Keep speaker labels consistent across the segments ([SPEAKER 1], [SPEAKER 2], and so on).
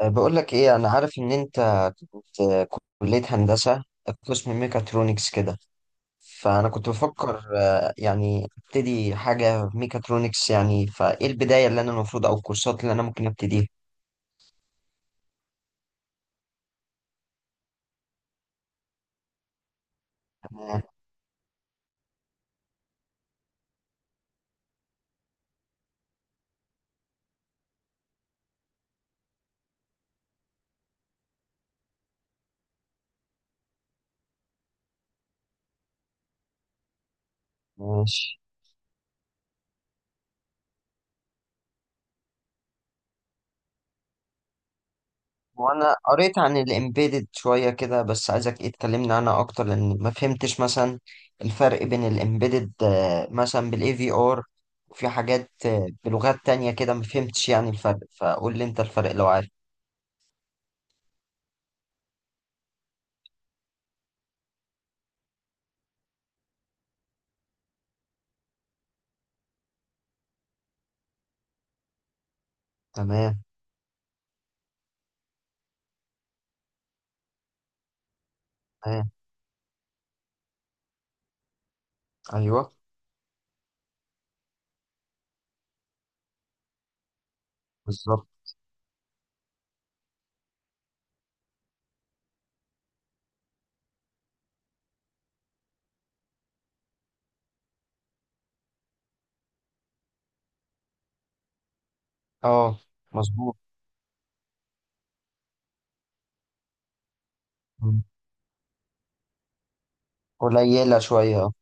[SPEAKER 1] بقول لك ايه، انا عارف ان انت كنت، كلية هندسة، قسم ميكاترونكس كده. فانا كنت بفكر، يعني ابتدي حاجة ميكاترونكس يعني، فايه البداية اللي انا المفروض او الكورسات اللي انا ممكن ابتديها؟ أه، ماشي. وانا قريت عن الامبيدد شوية كده، بس عايزك ايه تكلمني عنها اكتر، لان ما فهمتش مثلا الفرق بين الامبيدد، مثلا بالاي في ار، وفي حاجات بلغات تانية كده، ما فهمتش يعني الفرق، فقول لي انت الفرق لو عارف. تمام. ايوه. بالظبط. اه. مظبوط. مم. قليلة شوية اه.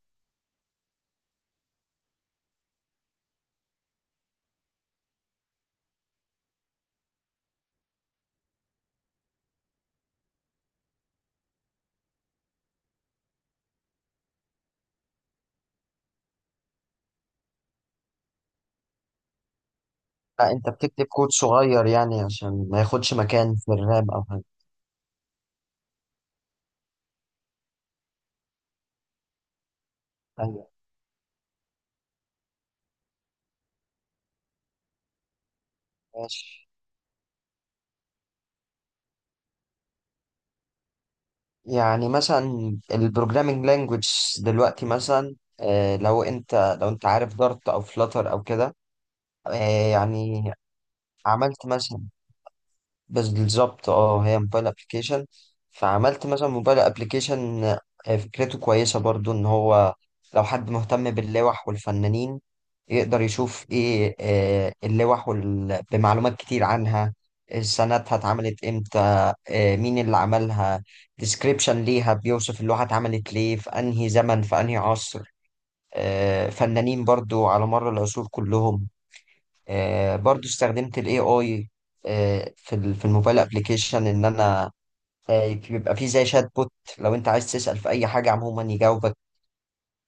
[SPEAKER 1] لا، انت بتكتب كود صغير يعني عشان ما ياخدش مكان في الرام او حاجة. ايوه. ماشي. يعني مثلا البروجرامينج لانجوج دلوقتي، مثلا آه لو انت عارف دارت او فلاتر او كده، آه يعني عملت مثلا. بس بالظبط اه، هي موبايل ابلكيشن. فعملت مثلا موبايل ابلكيشن، فكرته كويسة برضو، ان هو لو حد مهتم باللوح والفنانين يقدر يشوف ايه، اللوح بمعلومات كتير عنها، سنتها اتعملت امتى، مين اللي عملها، ديسكريبشن ليها بيوصف اللوحة اتعملت ليه في انهي زمن في انهي عصر، فنانين برضو على مر العصور كلهم. برضو استخدمت الاي اي في الموبايل ابلكيشن، ان انا بيبقى فيه زي شات بوت، لو انت عايز تسأل في اي حاجة عموما يجاوبك.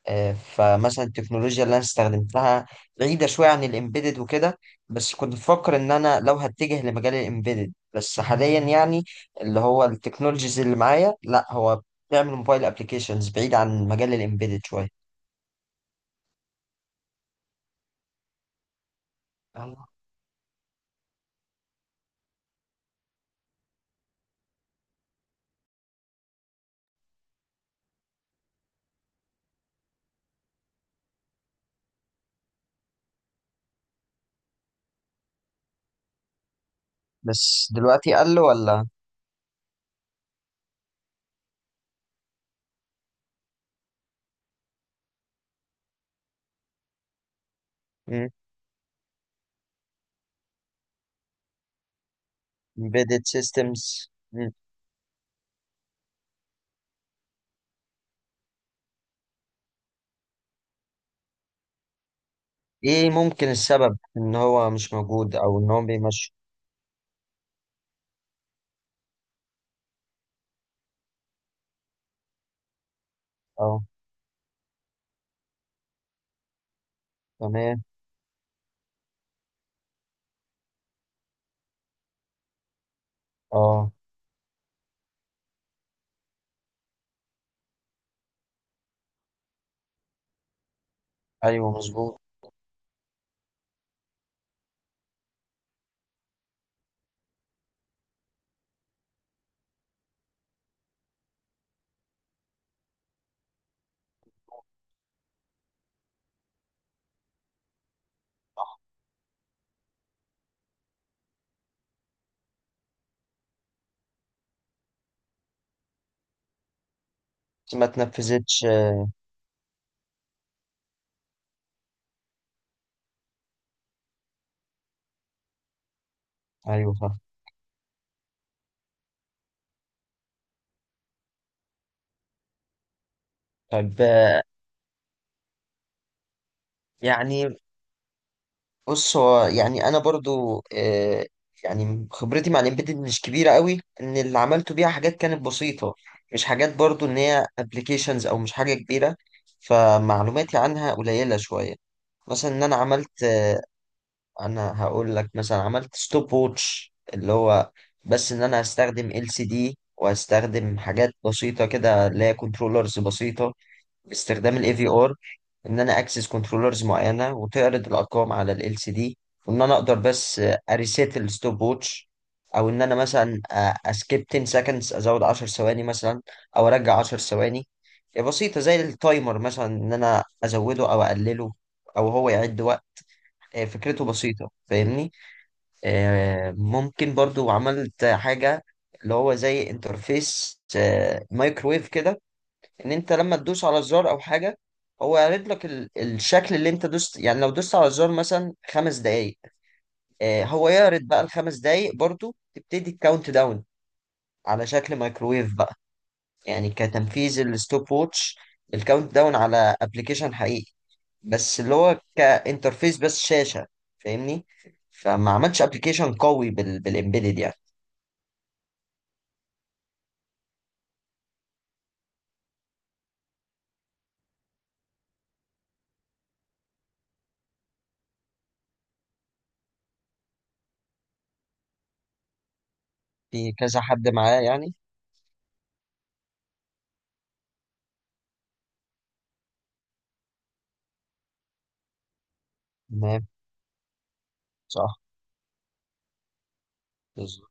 [SPEAKER 1] فمثلا التكنولوجيا اللي انا استخدمتها بعيدة شوية عن الامبيدد وكده، بس كنت بفكر ان انا لو هتجه لمجال الامبيدد بس حاليا يعني، اللي هو التكنولوجيز اللي معايا لا، هو بيعمل موبايل ابلكيشنز بعيد عن مجال الامبيدد شوية. بس دلوقتي قال له ولا؟ امبيدد سيستمز. ايه ممكن السبب، ان هو مش موجود او ان هو بيمشي؟ اه. تمام. اه. ايوه مظبوط. ما تنفذتش. ايوه صح. طيب يعني، بص هو يعني انا برضو يعني خبرتي مع الامبيدد مش كبيره قوي، ان اللي عملته بيها حاجات كانت بسيطه، مش حاجات برضو ان هي ابلكيشنز او مش حاجه كبيره، فمعلوماتي عنها قليله شويه. مثلا ان انا عملت، انا هقول لك، مثلا عملت ستوب ووتش، اللي هو بس ان انا هستخدم ال سي دي وهستخدم حاجات بسيطه كده اللي هي كنترولرز بسيطه، باستخدام الاي في ار، ان انا اكسس كنترولرز معينه وتعرض الارقام على ال سي دي، وان انا اقدر بس اريسيت الستوب ووتش، او ان انا مثلا اسكيب 10 سكندز، ازود 10 ثواني مثلا او ارجع 10 ثواني، بسيطه زي التايمر، مثلا ان انا ازوده او اقلله، او هو يعد وقت، فكرته بسيطه فاهمني. ممكن برضو عملت حاجة اللي هو زي انترفيس مايكرويف كده، ان انت لما تدوس على زرار او حاجة هو يعرض لك الشكل اللي انت دوست، يعني لو دوست على الزرار مثلا خمس دقايق، هو يعرض بقى الخمس دقايق، برضو تبتدي الكاونت داون على شكل مايكرويف بقى، يعني كتنفيذ الستوب ووتش، الكاونت داون على ابلكيشن حقيقي، بس اللي هو كانترفيس بس شاشة، فاهمني. فما عملتش ابلكيشن قوي بالامبيدد يعني. في كذا حد معاه يعني. تمام. صح. مظبوط.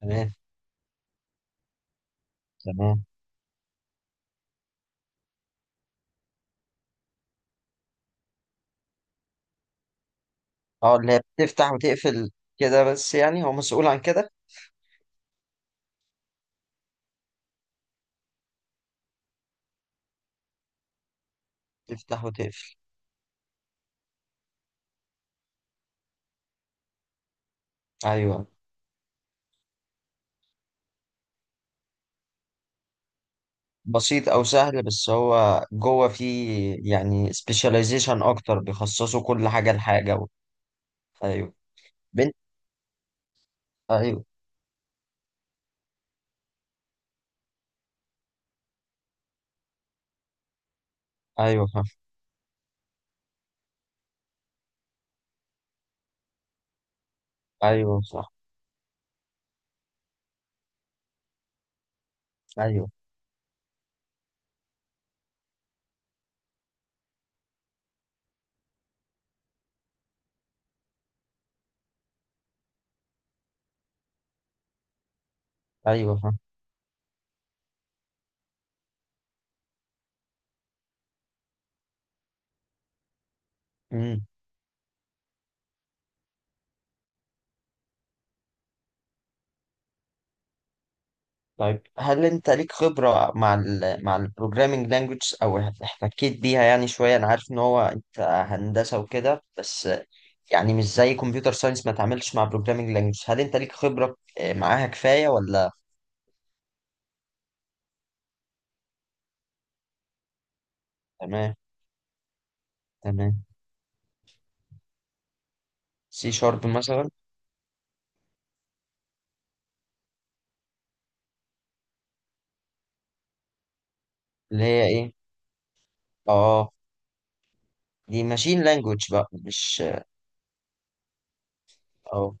[SPEAKER 1] تمام. تمام. اه، اللي هي بتفتح وتقفل. كده بس يعني، هو مسؤول عن كده. تفتح وتقفل. ايوه. بسيط او سهل، بس هو جوه فيه يعني سبيشاليزيشن اكتر، بيخصصوا كل حاجه لحاجه ايوه. بنت. ايوه. ايوه فاهم. ايوه صح. ايوه. ايوه فاهم. طيب هل انت ليك خبرة مع البروجرامينج لانجوج، او احتكيت بيها يعني شوية؟ انا عارف ان هو انت هندسة وكده، بس يعني مش زي كمبيوتر ساينس ما تعملش مع بروجرامينج لانجوج، هل انت ليك خبرة معاها كفاية ولا؟ تمام. تمام. سي شارب مثلا؟ اللي هي ايه؟ اه. دي ماشين لانجوج بقى مش. اه.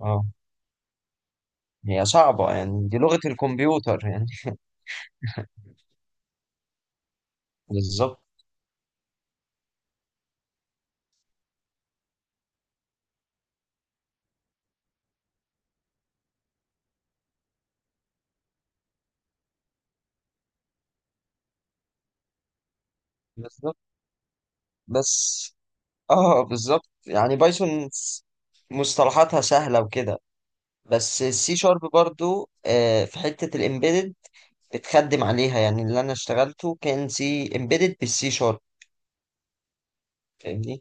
[SPEAKER 1] اه هي صعبة يعني، دي لغة الكمبيوتر يعني. بالظبط. بالظبط. بس اه بالظبط، يعني بايثون مصطلحاتها سهلة وكده. بس السي شارب برضو في حتة الامبيدد بتخدم عليها، يعني اللي انا اشتغلته كان سي امبيدد بالسي شارب، فاهمني.